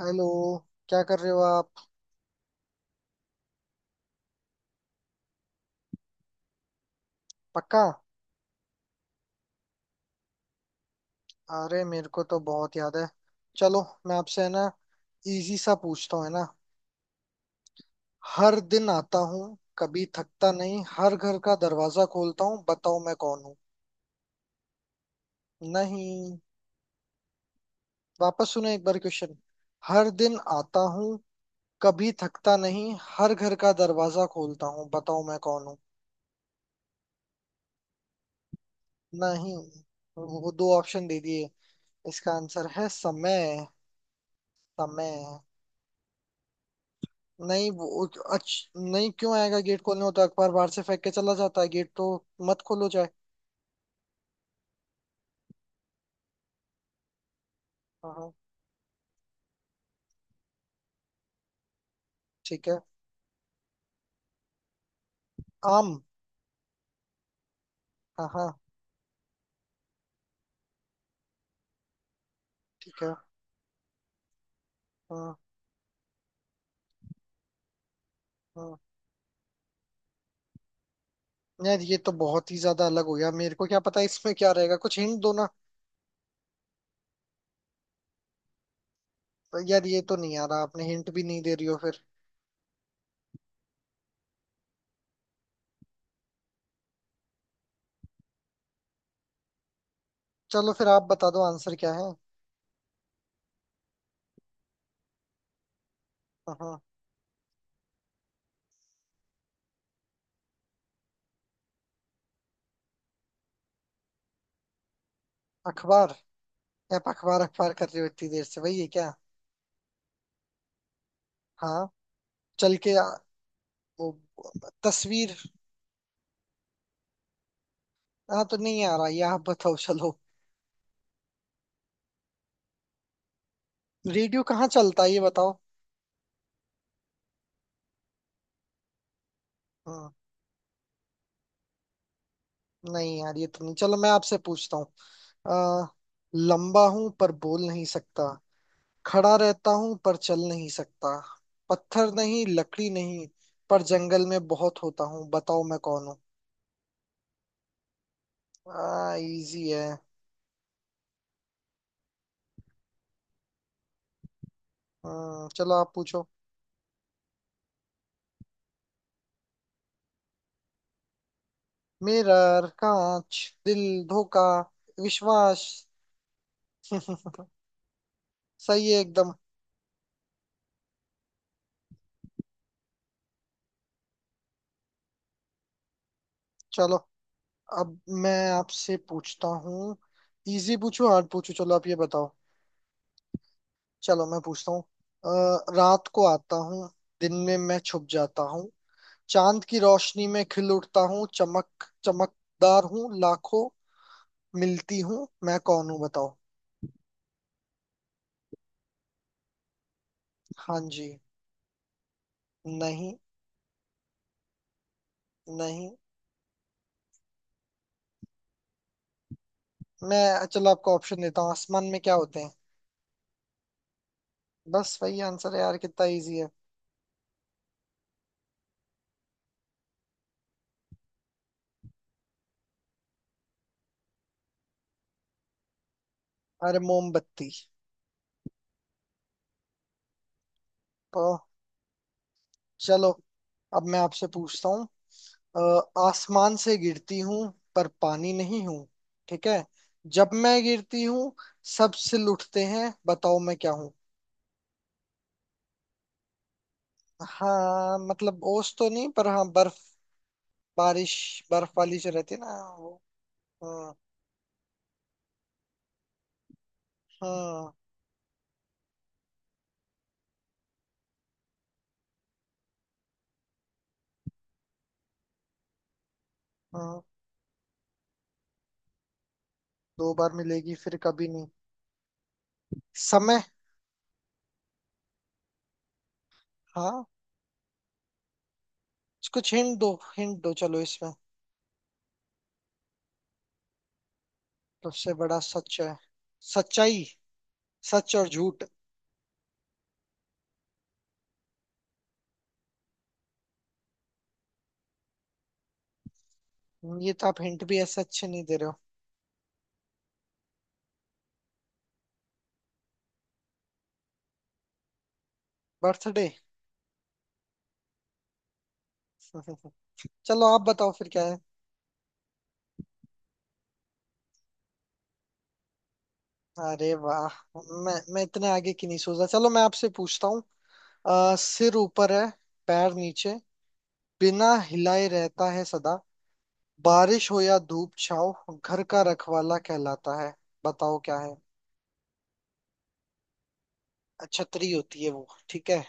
Hello. क्या कर रहे हो आप? पक्का? अरे मेरे को तो बहुत याद है। चलो, मैं आपसे है ना इजी सा पूछता हूँ, है ना। हर दिन आता हूँ, कभी थकता नहीं, हर घर का दरवाजा खोलता हूँ, बताओ मैं कौन हूँ? नहीं, वापस सुनो एक बार क्वेश्चन। हर दिन आता हूँ, कभी थकता नहीं, हर घर का दरवाजा खोलता हूँ, बताओ मैं कौन हूँ? नहीं, वो दो ऑप्शन दे दिए। इसका आंसर है समय। समय। नहीं वो, अच्छ नहीं क्यों आएगा गेट खोलने, हो तो अखबार बाहर से फेंक के चला जाता है, गेट तो मत खोलो चाहे। हाँ हाँ। ठीक है। आम। हाँ हाँ। ठीक है। हाँ हाँ। यार ये तो बहुत ही ज्यादा अलग हो गया, मेरे को क्या पता इसमें क्या रहेगा, कुछ हिंट दो ना। यार ये तो नहीं आ रहा, आपने हिंट भी नहीं दे रही हो फिर। चलो फिर आप बता दो आंसर क्या है। हाँ हाँ। अखबार। आप अखबार अखबार कर रहे हो इतनी देर से, वही है क्या? हाँ। चल के आ, वो तस्वीर। हाँ तो नहीं आ रहा ये, आप बताओ चलो। रेडियो कहाँ चलता है ये बताओ? हाँ। नहीं यार ये तो नहीं, चलो मैं आपसे पूछता हूँ। अ, लंबा हूं पर बोल नहीं सकता, खड़ा रहता हूं पर चल नहीं सकता, पत्थर नहीं लकड़ी नहीं, पर जंगल में बहुत होता हूँ, बताओ मैं कौन हूँ? इजी है। चलो आप पूछो। मिरर, कांच, दिल, धोखा, विश्वास। सही है एकदम। चलो, अब मैं आपसे पूछता हूँ। इजी पूछूं हार्ड पूछूं, चलो आप ये बताओ। चलो मैं पूछता हूँ। रात को आता हूँ, दिन में मैं छुप जाता हूँ, चांद की रोशनी में खिल उठता हूँ, चमक चमकदार हूँ, लाखों मिलती हूँ, मैं कौन हूँ बताओ? हाँ जी। नहीं। नहीं, मैं चलो आपको ऑप्शन देता हूँ, आसमान में क्या होते हैं? बस वही आंसर है यार, कितना इजी है। अरे मोमबत्ती। तो चलो, अब मैं आपसे पूछता हूँ। अ, आसमान से गिरती हूँ, पर पानी नहीं हूँ। ठीक है। जब मैं गिरती हूँ, सब सिल उठते हैं, बताओ मैं क्या हूँ? हाँ मतलब ओस तो नहीं, पर हाँ बर्फ। बारिश। बर्फ वाली जो रहती है ना, वो। हाँ। हाँ। हाँ। दो बार मिलेगी फिर कभी नहीं। समय। हाँ कुछ हिंट दो, हिंट दो चलो इसमें। सबसे बड़ा सच है। सच्चाई। सच और झूठ। ये तो आप हिंट भी ऐसे अच्छे नहीं दे रहे हो। बर्थडे। चलो आप बताओ फिर क्या है। अरे वाह। मैं इतने आगे की नहीं सोच रहा, चलो मैं आपसे पूछता हूँ। सिर ऊपर है, पैर नीचे, बिना हिलाए रहता है सदा, बारिश हो या धूप छाव, घर का रखवाला कहलाता है। बताओ क्या है? छतरी होती है वो, ठीक है?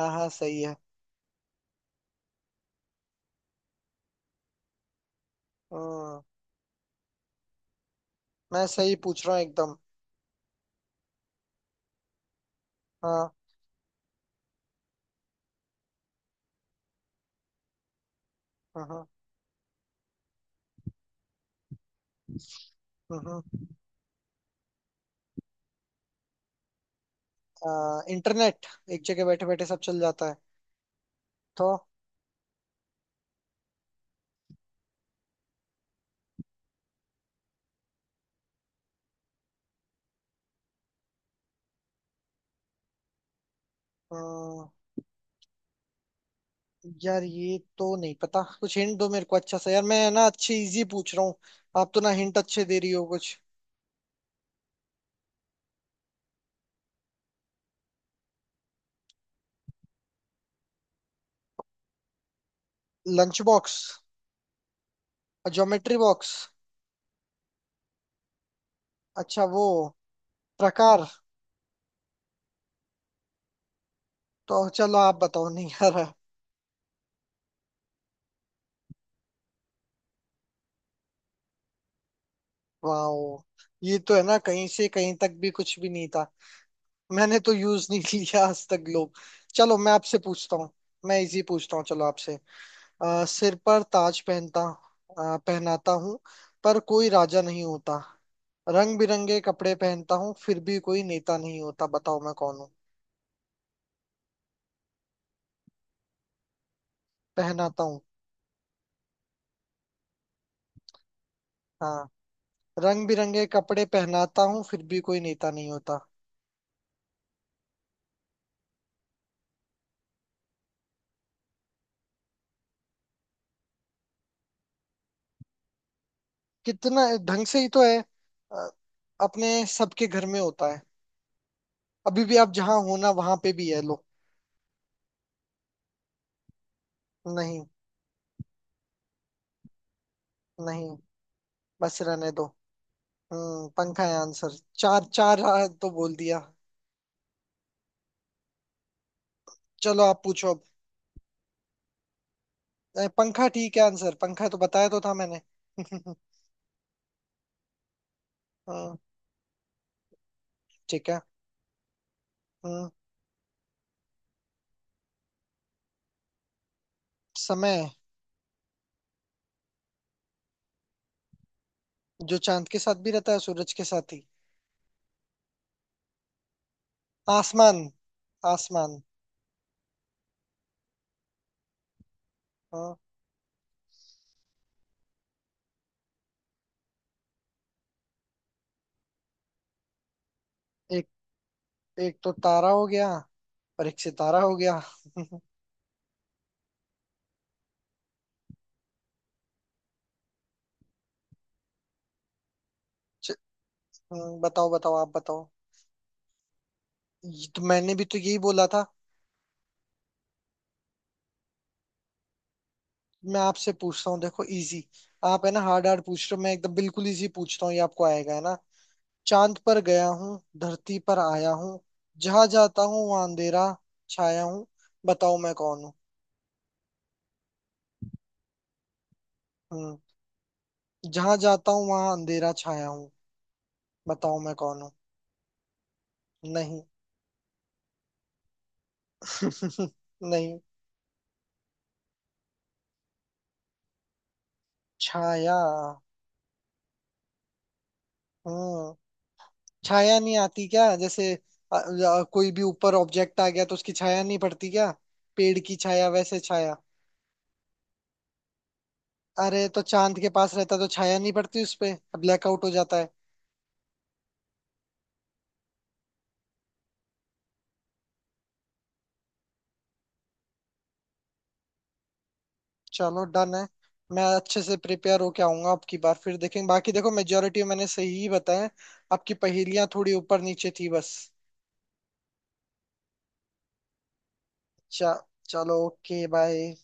हाँ हाँ, सही है। हम्म। मैं सही पूछ रहा हूँ एकदम। हाँ। हम्म। हम्म। इंटरनेट। एक जगह बैठे बैठे सब चल जाता है। तो हम्म, यार ये तो नहीं पता, कुछ हिंट दो मेरे को अच्छा सा यार, मैं ना अच्छे इजी पूछ रहा हूँ। आप तो ना हिंट अच्छे दे रही हो कुछ। Lunch box. Geometry box. अच्छा वो, प्रकार। तो चलो आप बताओ, नहीं यार। वाओ। ये तो है ना, कहीं से कहीं तक भी कुछ भी नहीं था। मैंने तो यूज नहीं किया आज तक लोग। चलो मैं आपसे पूछता हूँ। मैं इजी पूछता हूँ चलो आपसे। सिर पर ताज पहनता, पहनाता हूँ, पर कोई राजा नहीं होता। रंग बिरंगे कपड़े पहनता हूँ, फिर भी कोई नेता नहीं होता। बताओ मैं कौन हूँ? पहनाता हूँ। हाँ। रंग बिरंगे कपड़े पहनाता हूँ, फिर भी कोई नेता नहीं होता। कितना ढंग से ही तो है। अ, अपने सबके घर में होता है, अभी भी आप जहाँ हो ना वहां पे भी है लो। नहीं। नहीं। बस रहने दो। हम्म, पंखा है आंसर। चार चार आ, तो बोल दिया। चलो आप पूछो अब। पंखा ठीक है आंसर, पंखा तो बताया तो था मैंने। हम्म, ठीक है। हम्म। समय। जो चांद के साथ भी रहता है सूरज के साथ ही। आसमान। आसमान। हाँ। एक एक तो तारा हो गया, और एक सितारा हो गया। च, बताओ बताओ, आप बताओ। ये तो मैंने भी तो यही बोला था। मैं आपसे पूछता हूँ देखो, इजी। आप है ना हार्ड हार्ड पूछ रहे हो, मैं एकदम बिल्कुल इजी पूछता हूँ, ये आपको आएगा, है ना? चांद पर गया हूँ, धरती पर आया हूँ, जहाँ जाता हूँ वहाँ अंधेरा छाया हूँ, बताओ मैं कौन हूँ? हम्म। जहाँ जाता हूँ वहाँ अंधेरा छाया हूँ, बताओ मैं कौन हूँ? नहीं। नहीं। छाया। हम्म। छाया नहीं आती क्या? जैसे कोई भी ऊपर ऑब्जेक्ट आ गया, तो उसकी छाया नहीं पड़ती क्या? पेड़ की छाया वैसे छाया। अरे तो चांद के पास रहता तो छाया नहीं पड़ती उस पे, ब्लैकआउट हो जाता है। चलो डन है। मैं अच्छे से प्रिपेयर होके आऊंगा अब की बार, फिर देखेंगे। बाकी देखो मेजोरिटी मैंने सही ही बताया, आपकी पहेलियां थोड़ी ऊपर नीचे थी बस। चा, चलो ओके बाय।